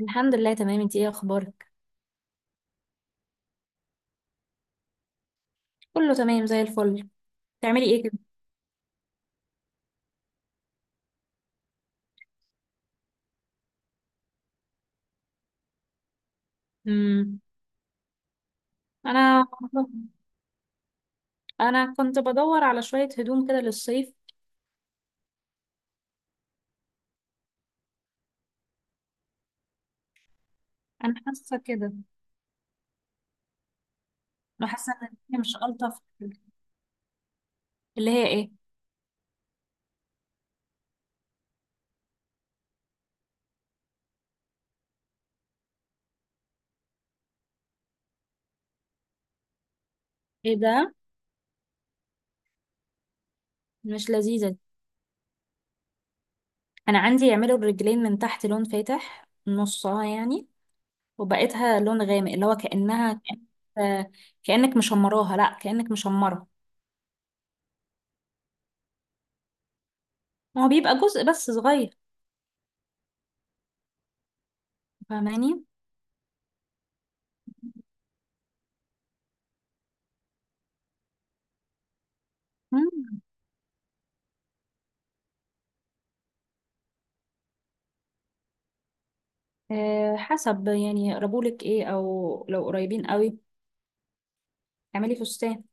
الحمد لله تمام، انتي ايه اخبارك؟ كله تمام زي الفل. بتعملي ايه كده؟ امم. انا انا كنت بدور على شويه هدوم كده للصيف. انا حاسه كده. انا حاسه ان هي مش الطف حاجة. اللي هي ايه؟ ايه ده؟ مش لذيذه دي. انا عندي يعملوا الرجلين من تحت لون فاتح نصها يعني، وبقيتها لون غامق اللي هو كانها كأن... كانك مشمراها، لا كانك مشمره. هو بيبقى جزء بس صغير. فاهماني؟ آه، حسب يعني يقربولك ايه، او لو قريبين قوي اعملي فستان.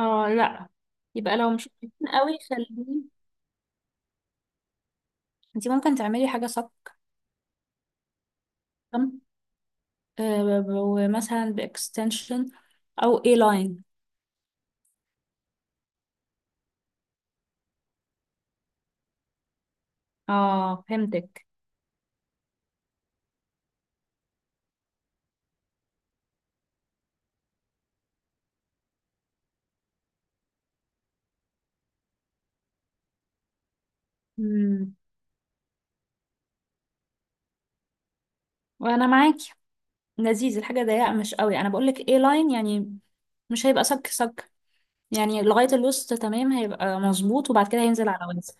اه لا، يبقى لو مش قريبين قوي خليه. انت ممكن تعملي حاجة سبتم، ومثلا باكستنشن او اي لاين. اه فهمتك. مم. وانا معاكي. لذيذ الحاجة ضيقة مش قوي. انا بقولك اي لاين، يعني مش هيبقى صك صك، يعني لغاية الوسط تمام هيبقى مظبوط، وبعد كده هينزل على وزن.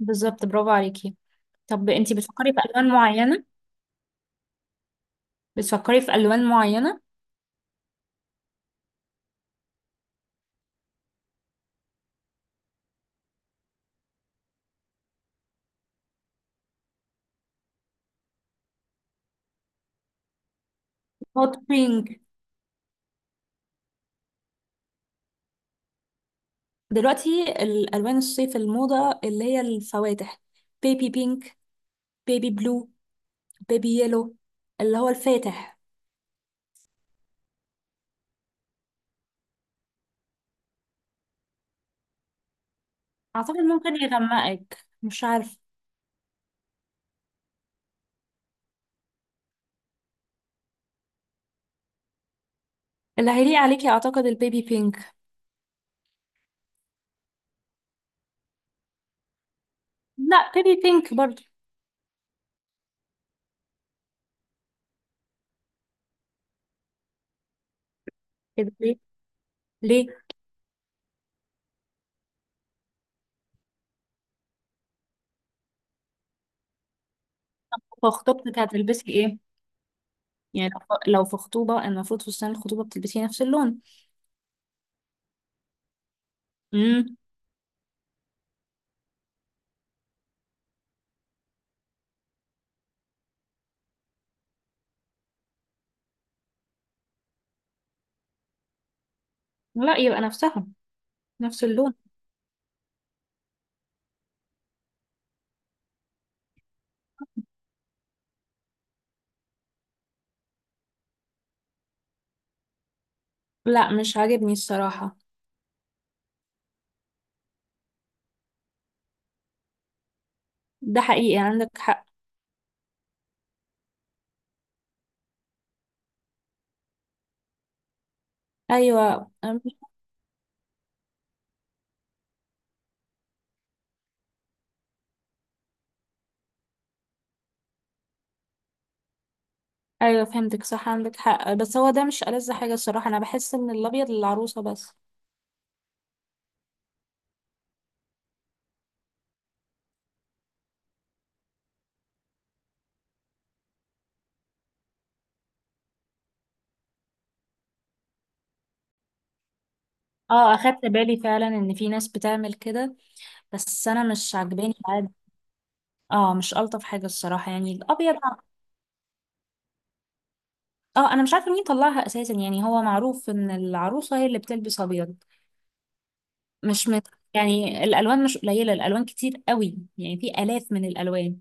بالظبط، برافو عليكي. طب انتي بتفكري في ألوان معينة؟ بتفكري في الوان معينه؟ هوت بينك. دلوقتي الالوان الصيف الموضه اللي هي الفواتح. بيبي بينك، بيبي بلو، بيبي يلو، اللي هو الفاتح. اعتقد ممكن يغمقك، مش عارف. اللي هيليق عليكي اعتقد البيبي بينك. لا، بيبي بينك برضو. كده ليه؟ ليه؟ في خطوبتك هتلبسي ايه؟ يعني لو في خطوبه المفروض فستان الخطوبه بتلبسي نفس اللون. امم. لا، يبقى نفسها، نفس اللون. لا مش عاجبني الصراحه. ده حقيقي، عندك حق. ايوه ايوه فهمتك، صح، عندك حق. بس هو ده مش ألذ حاجه الصراحه، انا بحس ان الابيض للعروسه بس. اه اخدت بالي فعلا ان في ناس بتعمل كده، بس انا مش عاجباني العاده. اه مش الطف حاجه الصراحه يعني الابيض. اه انا مش عارفه مين طلعها اساسا، يعني هو معروف ان العروسه هي اللي بتلبس ابيض. مش مت... يعني الالوان مش قليله، الالوان كتير قوي يعني في الاف من الالوان.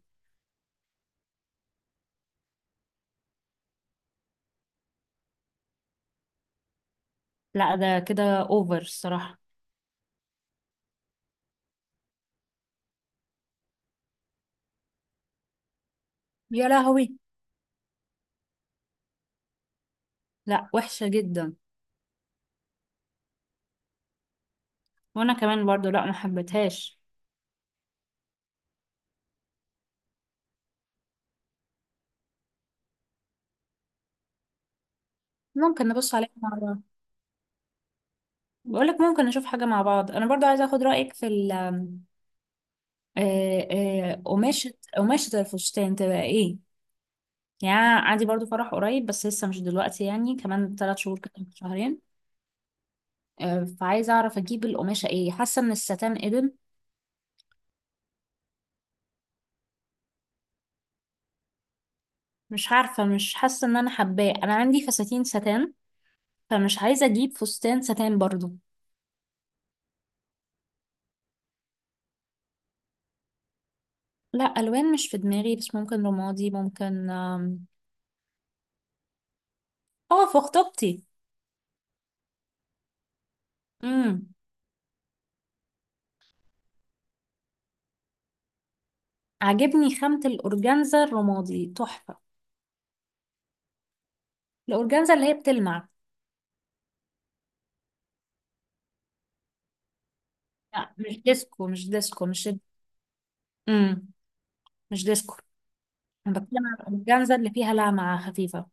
لا ده كده اوفر الصراحه. يا لهوي. لا وحشه جدا. وانا كمان برضو، لا ما حبيتهاش. ممكن نبص عليها مع بعض. بقول لك ممكن نشوف حاجة مع بعض، أنا برضو عايزة أخد رأيك في ال قماشة. قماشة الفستان تبقى إيه؟ يعني أنا عندي برضو فرح قريب بس لسه مش دلوقتي، يعني كمان 3 شهور كده، شهرين. فعايزة أعرف أجيب القماشة إيه، حاسة إن الستان قدم. مش عارفة، مش حاسة إن أنا حباه. أنا عندي فساتين ستان، فمش عايزة أجيب فستان ستان برضو. لا، ألوان مش في دماغي، بس ممكن رمادي، ممكن اه في خطوبتي. امم. عجبني خامة الأورجانزا الرمادي تحفة. الأورجانزا اللي هي بتلمع. لا مش ديسكو، مش ديسكو، امم. مش ديسكو. أنا بتكلم عن الأورجانزا اللي فيها لمعة خفيفة.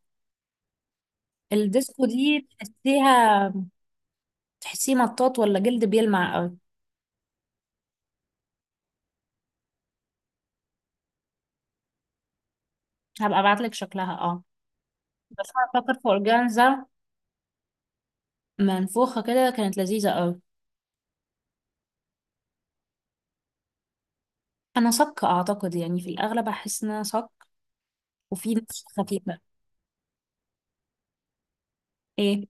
الديسكو دي تحسيها، تحسيه مطاط ولا جلد بيلمع أوي. هبقى أبعتلك شكلها، اه. بس أنا فاكر في أورجانزا منفوخة كده كانت لذيذة أوي. أنا صك أعتقد، يعني في الأغلب أحس إن أنا صك. وفي نسخ خفيفة. إيه؟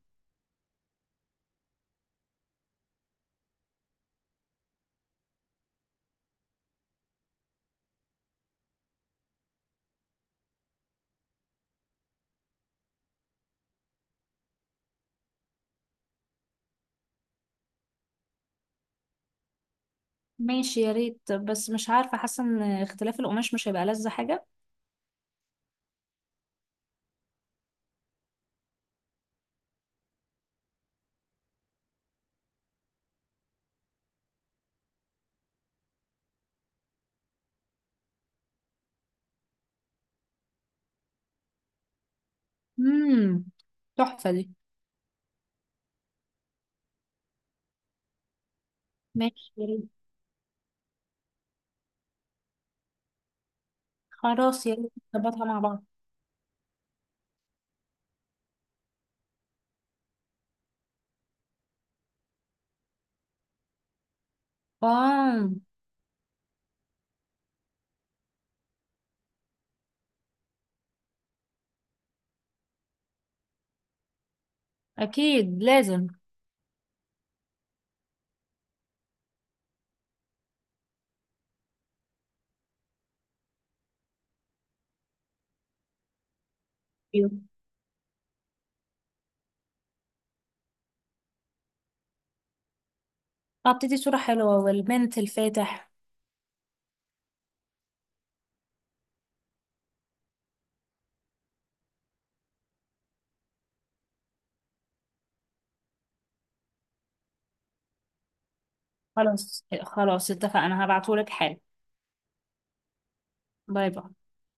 ماشي يا ريت. بس مش عارفة، حاسة إن اختلاف القماش مش هيبقى لذة حاجة. امم. تحفة دي. ماشي يا ريت، خلاص يا ريت نظبطها مع بعض. اه اكيد لازم. ايوه هبتدي صورة حلوة، والمنت الفاتح. خلاص خلاص اتفقنا، هبعتهولك حالا. باي باي.